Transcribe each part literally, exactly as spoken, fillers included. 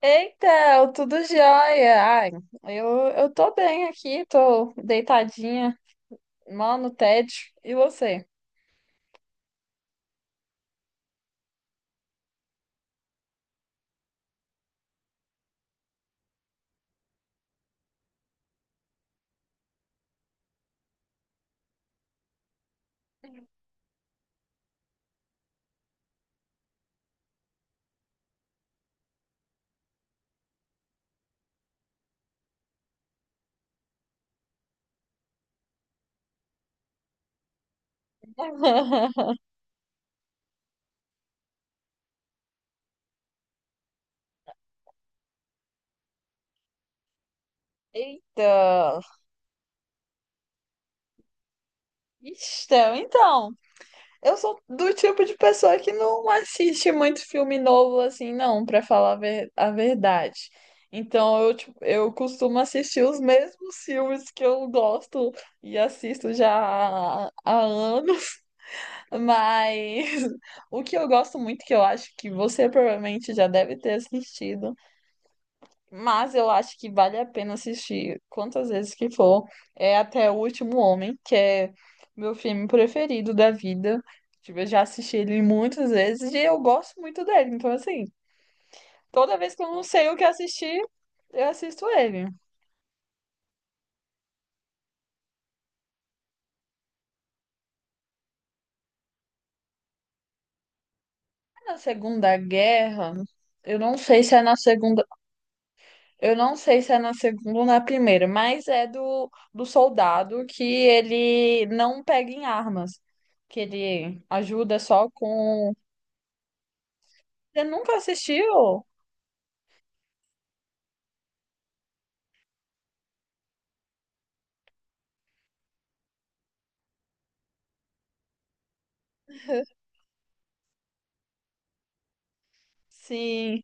Eita, tudo jóia. Ai, eu, eu tô bem aqui, tô deitadinha, mal no tédio. E você? Eita. Então, então, eu sou do tipo de pessoa que não assiste muito filme novo assim, não, pra falar a ver- a verdade. Então, eu, tipo, eu costumo assistir os mesmos filmes que eu gosto e assisto já há, há anos. Mas o que eu gosto muito, que eu acho que você provavelmente já deve ter assistido, mas eu acho que vale a pena assistir quantas vezes que for, é Até o Último Homem, que é meu filme preferido da vida. Tipo, eu já assisti ele muitas vezes e eu gosto muito dele. Então, assim, toda vez que eu não sei o que assistir, eu assisto ele. Na Segunda Guerra, eu não sei se é na Segunda eu não sei se é na segunda ou na primeira, mas é do, do soldado que ele não pega em armas, que ele ajuda só com. Você nunca assistiu? Sim,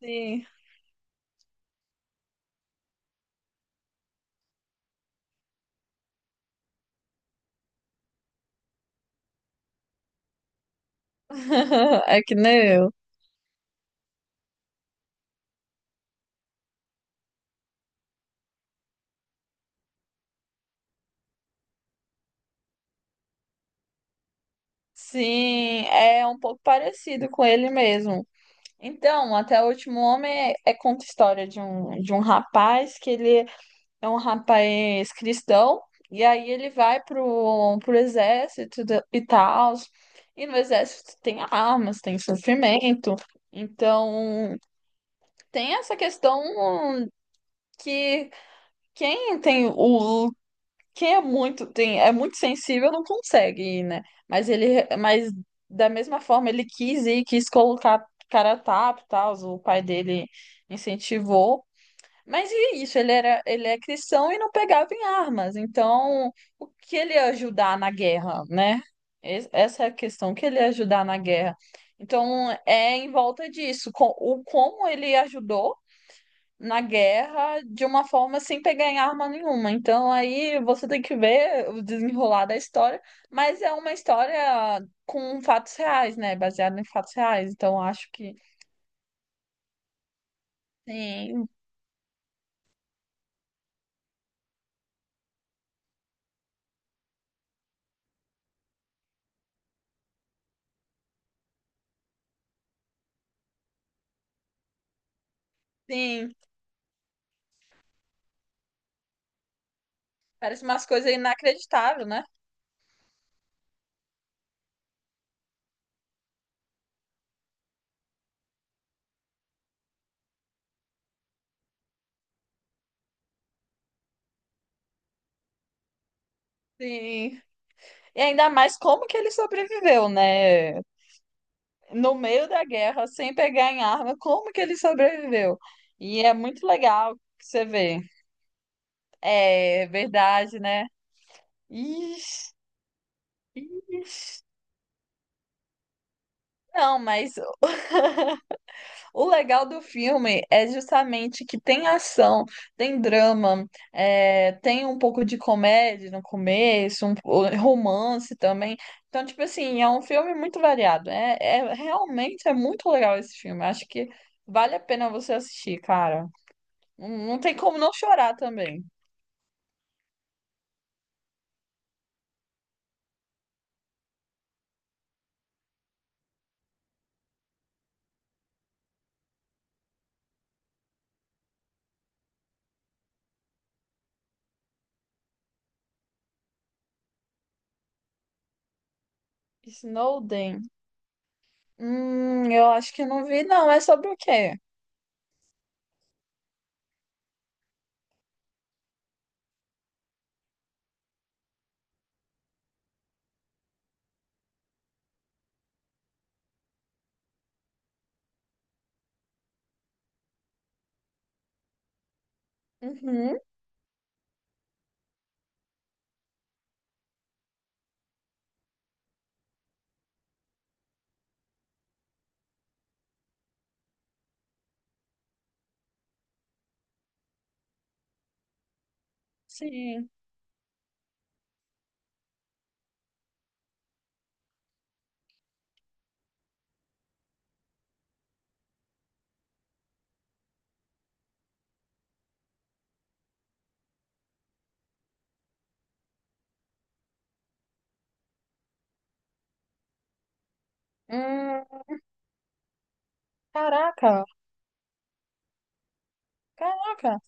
sim. É que nem eu. Sim, é um pouco parecido com ele mesmo. Então, até o último homem é, é conta a história de um, de um rapaz que ele é um rapaz cristão, e aí ele vai pro, pro exército da- e tal. E no exército tem armas, tem sofrimento. Então, tem essa questão que quem tem o quem é muito tem é muito sensível não consegue ir, né? Mas ele mas da mesma forma ele quis ir, quis colocar cara a tapa, e tal, o pai dele incentivou. Mas e isso, ele era, ele é cristão e não pegava em armas. Então, o que ele ia ajudar na guerra, né? Es- Essa é a questão, o que ele ia ajudar na guerra. Então, é em volta disso, co- o como ele ajudou na guerra de uma forma sem pegar em arma nenhuma. Então, aí você tem que ver o desenrolar da história, mas é uma história com fatos reais, né? Baseada em fatos reais. Então, acho que sim, sim, parece umas coisas inacreditáveis, né? Sim. E ainda mais como que ele sobreviveu, né? No meio da guerra, sem pegar em arma, como que ele sobreviveu? E é muito legal que você vê. É verdade, né? Ixi, ixi. Não, mas o legal do filme é justamente que tem ação, tem drama, é, tem um pouco de comédia no começo, um po- romance também. Então, tipo assim, é um filme muito variado. É, é- realmente é muito legal esse filme. Acho que vale a pena você assistir, cara. Não não tem como não chorar também. Snowden. Hum, eu acho que não vi, não. É sobre o quê? Uhum, sim. Hum, caraca, caraca.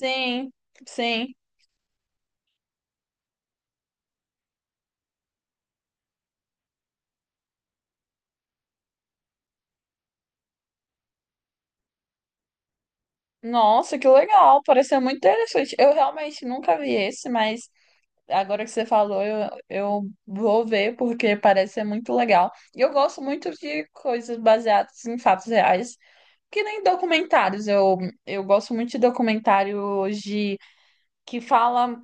Sim, sim. Nossa, que legal! Pareceu muito interessante. Eu realmente nunca vi esse, mas agora que você falou, eu, eu vou ver porque parece ser muito legal. E eu gosto muito de coisas baseadas em fatos reais, que nem documentários. Eu, eu gosto muito de documentários de que fala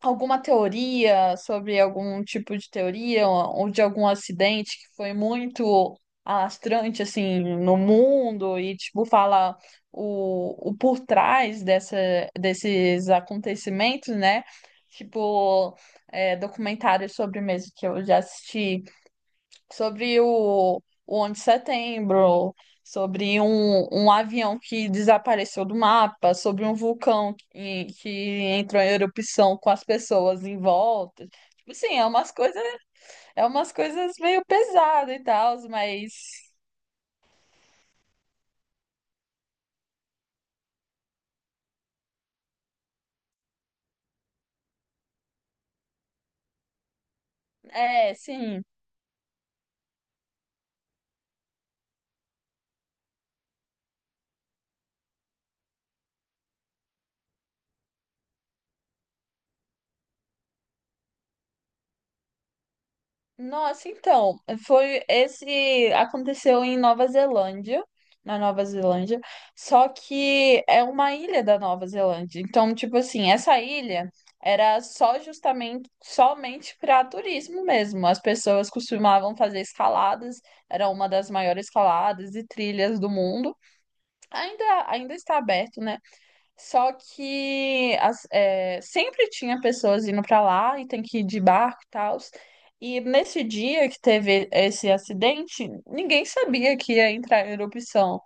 alguma teoria sobre algum tipo de teoria ou de algum acidente que foi muito alastrante assim no mundo e tipo fala o, o por trás dessa, desses acontecimentos, né? Tipo, é, documentários sobre mesmo que eu já assisti sobre o, o onze de setembro, sobre um, um avião que desapareceu do mapa, sobre um vulcão que, que entrou em erupção com as pessoas em volta. Tipo assim, é umas coisas, é umas coisas meio pesadas e tal, mas é, sim. Nossa, então, foi esse aconteceu em Nova Zelândia, na Nova Zelândia, só que é uma ilha da Nova Zelândia. Então, tipo assim, essa ilha era só justamente somente para turismo mesmo. As pessoas costumavam fazer escaladas, era uma das maiores escaladas e trilhas do mundo. Ainda ainda está aberto, né? Só que as- é, sempre tinha pessoas indo pra lá e tem que ir de barco e tal. E nesse dia que teve esse acidente, ninguém sabia que ia entrar em erupção.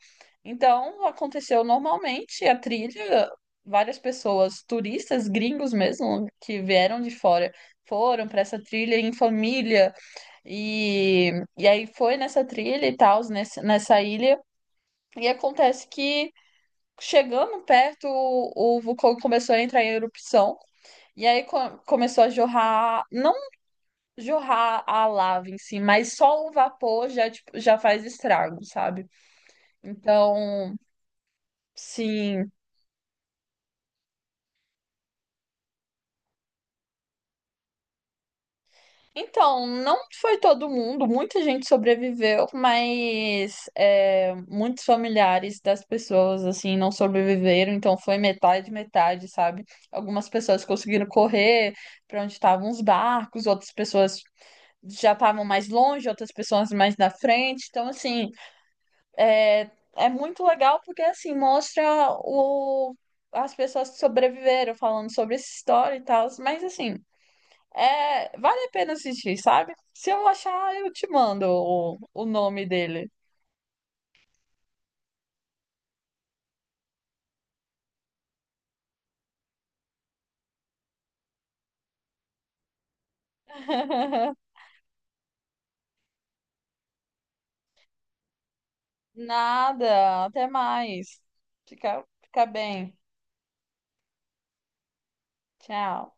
Então aconteceu normalmente a trilha, várias pessoas, turistas, gringos mesmo, que vieram de fora, foram para essa trilha em família. E, e aí foi nessa trilha e tal, nessa ilha. E acontece que Chegando perto, o, o vulcão começou a entrar em erupção. E aí co- começou a jorrar, não jorrar a lava em si, mas só o vapor já, tipo, já faz estrago, sabe? Então, sim. Então, não foi todo mundo, muita gente sobreviveu, mas é, muitos familiares das pessoas, assim, não sobreviveram. Então, foi metade, metade, sabe? Algumas pessoas conseguiram correr para onde estavam os barcos, outras pessoas já estavam mais longe, outras pessoas mais na frente. Então, assim, é, é muito legal porque, assim, mostra o, as pessoas que sobreviveram falando sobre essa história e tal. Mas, assim, é, vale a pena assistir, sabe? Se eu achar, eu te mando o, o nome dele. Nada, até mais. Fica, fica bem. Tchau.